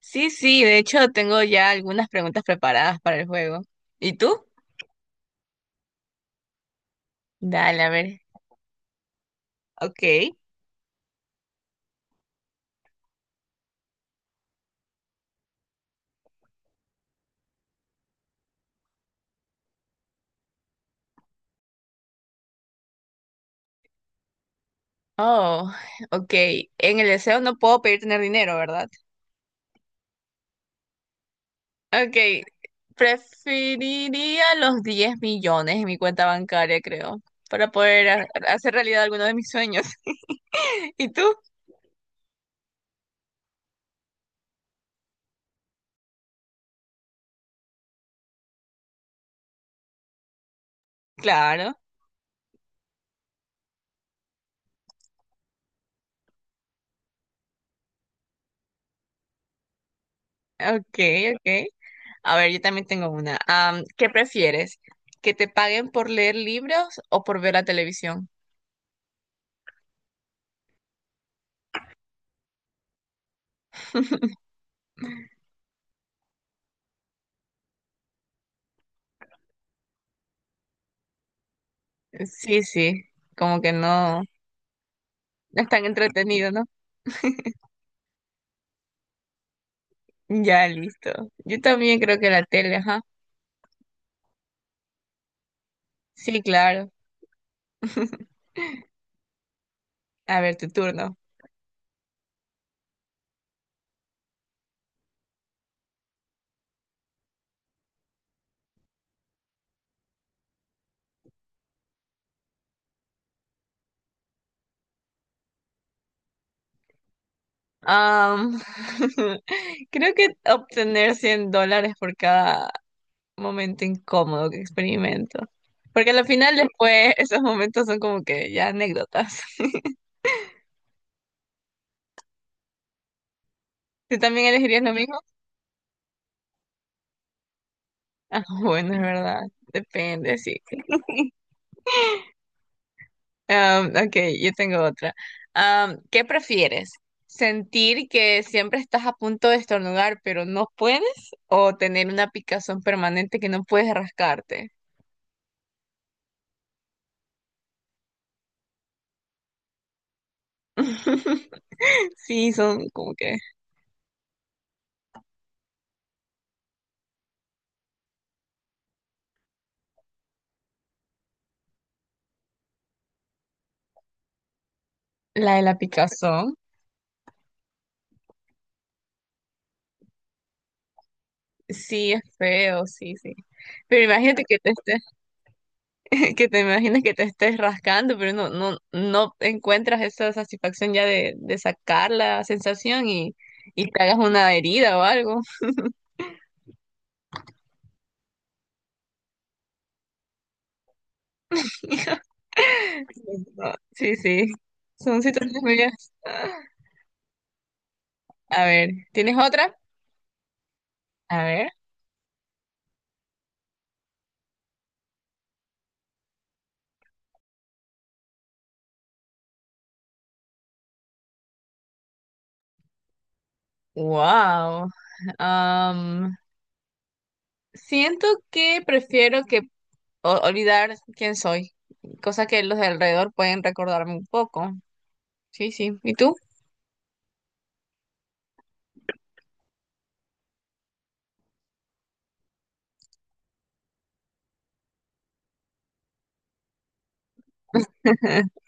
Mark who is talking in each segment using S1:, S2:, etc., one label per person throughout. S1: Sí, sí, de hecho tengo ya algunas preguntas preparadas para el juego. ¿Y tú? Dale, a ver. Ok. Oh, ok. En el deseo no puedo pedir tener dinero, ¿verdad? Ok. Preferiría los 10 millones en mi cuenta bancaria, creo, para poder hacer realidad alguno de mis sueños. ¿Y tú? Claro. Ok, ok. A ver, yo también tengo una. ¿Qué prefieres? ¿Que te paguen por leer libros o por ver la televisión? Sí, sí, como que no es tan entretenido, ¿no? Ya, listo. Yo también creo que la tele, ajá. Sí, claro. A ver, tu turno. Am, creo que obtener $100 por cada momento incómodo que experimento. Porque al final después esos momentos son como que ya anécdotas. ¿Tú también elegirías lo mismo? Ah, bueno, es verdad. Depende, sí. Ok, yo tengo otra. ¿Qué prefieres? ¿Sentir que siempre estás a punto de estornudar, pero no puedes? ¿O tener una picazón permanente que no puedes rascarte? Sí, son como que la de la picazón. Sí, es feo, sí, sí. Pero imagínate que te estés, que te imagines que te estés rascando, pero no encuentras esa satisfacción ya de sacar la sensación y te hagas una herida o algo. No, sí, sí. Son situaciones medias. A ver, ¿tienes otra? A ver. Wow. Am, siento que olvidar quién soy, cosa que los de alrededor pueden recordarme un poco. Sí, sí. ¿Y tú?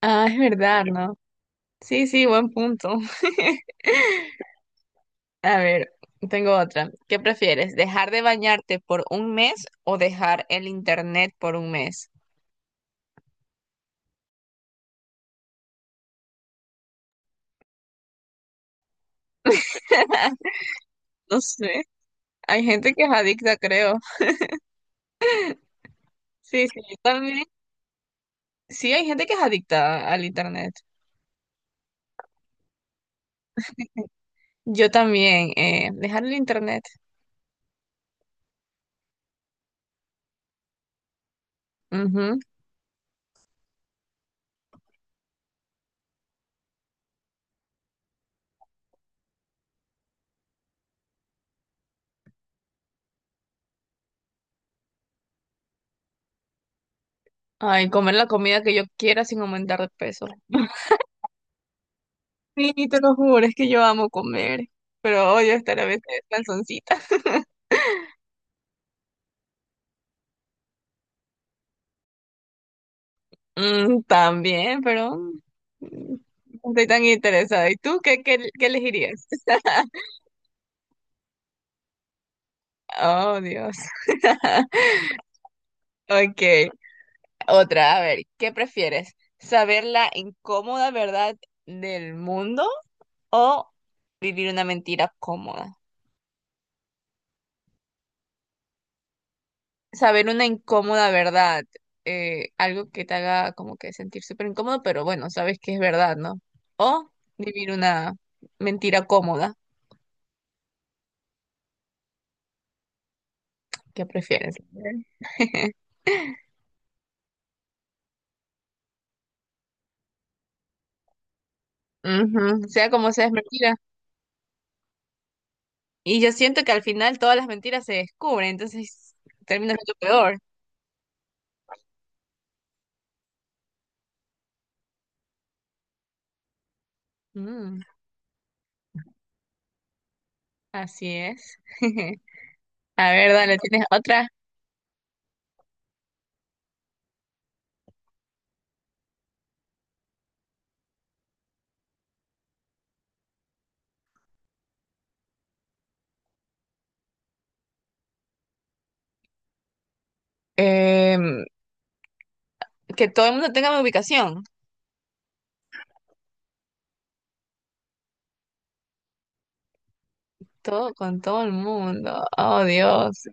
S1: Ah, es verdad, ¿no? Sí, sí, buen punto. A ver, tengo otra. ¿Qué prefieres? ¿Dejar de bañarte por un mes o dejar el internet por un mes? No sé. Hay gente que es adicta, creo. Sí, sí, yo también. Sí, hay gente que es adicta al internet. Yo también. Dejar el internet. Ujú. Ay, comer la comida que yo quiera sin aumentar de peso. Sí, te lo juro, es que yo amo comer, pero odio estar a veces cansoncita. Mm, también, pero mm, no estoy tan interesada. ¿Y tú qué, qué elegirías? Oh, Dios. Ok. Otra, a ver, ¿qué prefieres? ¿Saber la incómoda verdad del mundo o vivir una mentira cómoda? Saber una incómoda verdad. Eh, algo que te haga como que sentir súper incómodo, pero bueno, sabes que es verdad, ¿no? ¿O vivir una mentira cómoda? ¿Qué prefieres? Ujú, sea como sea, es mentira. Y yo siento que al final todas las mentiras se descubren, entonces termina siendo peor. Mm, así es. A ver, dale, ¿tienes otra? Em, que todo el mundo tenga mi ubicación. Todo con todo el mundo. Oh, Dios.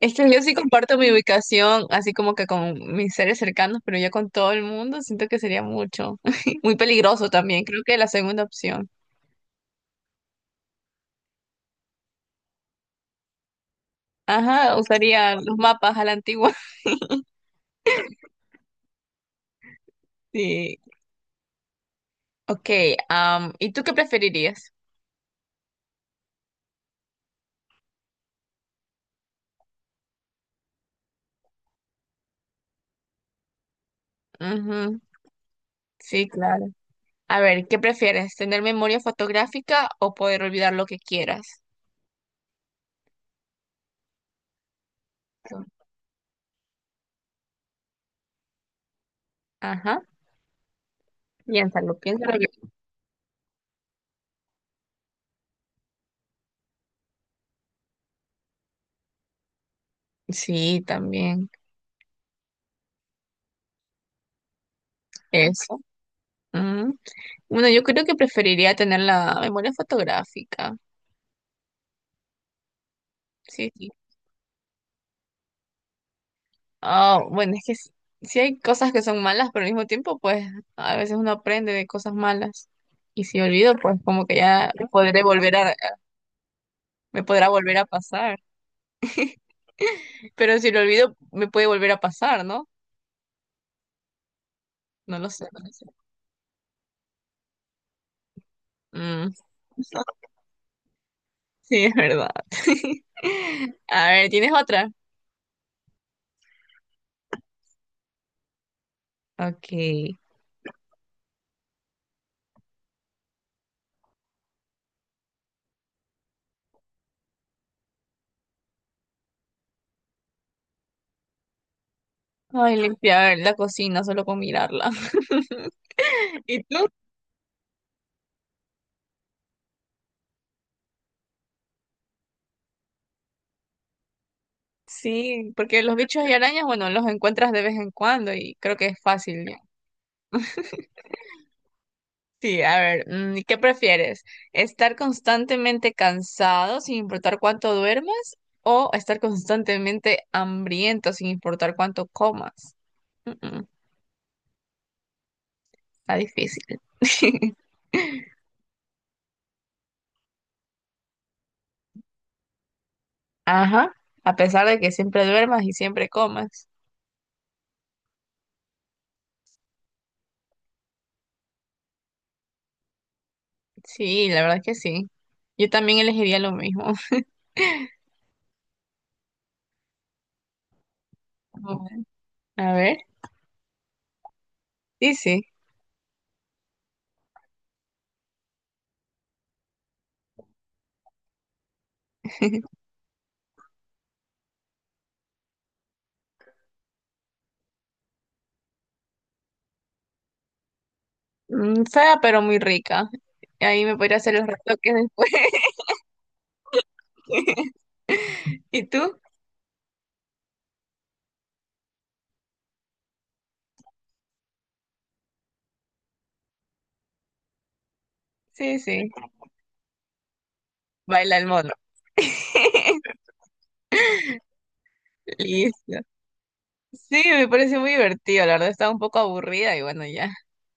S1: Es que yo sí comparto mi ubicación, así como que con mis seres cercanos, pero ya con todo el mundo siento que sería mucho. Muy peligroso también. Creo que la segunda opción. Ajá, usaría los mapas a la antigua. Sí. Ok, am, ¿y tú qué preferirías? Ujú, sí, claro. A ver, ¿qué prefieres? ¿Tener memoria fotográfica o poder olvidar lo que quieras? Ajá. Piénsalo, piénsalo bien. Sí, también. Eso. Ujú. Bueno, yo creo que preferiría tener la memoria fotográfica. Sí, sí. Ah, bueno, es que sí, sí hay cosas que son malas, pero al mismo tiempo, pues, a veces uno aprende de cosas malas. Y si olvido, pues como que ya podré volver a, me podrá volver a pasar. Pero si lo olvido, me puede volver a pasar, ¿no? No lo sé, no lo sé. Mm, sí, es verdad. A ver, ¿tienes otra? Ok. Ay, limpiar la cocina solo con mirarla. ¿Y tú? Sí, porque los bichos y arañas, bueno, los encuentras de vez en cuando y creo que es fácil ya. Sí, a ver, mm, ¿qué prefieres? ¿Estar constantemente cansado sin importar cuánto duermas o estar constantemente hambriento sin importar cuánto comas? Mm, mm, está difícil. Ajá, a pesar de que siempre duermas y siempre comas. Sí, la verdad que sí. Yo también elegiría lo mismo. A ver, sí, sí. Mm, fea, pero muy rica. Ahí me podría hacer los retoques después. ¿Y tú? Sí, sí. Baila el mono. Listo. Sí, me parece muy divertido. La verdad estaba un poco aburrida y bueno, ya.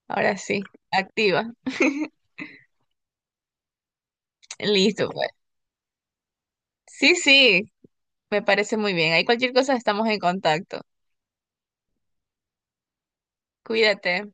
S1: Ahora sí. Activa. Listo, pues. Sí, sí. Me parece muy bien. Ahí cualquier cosa estamos en contacto. Cuídate.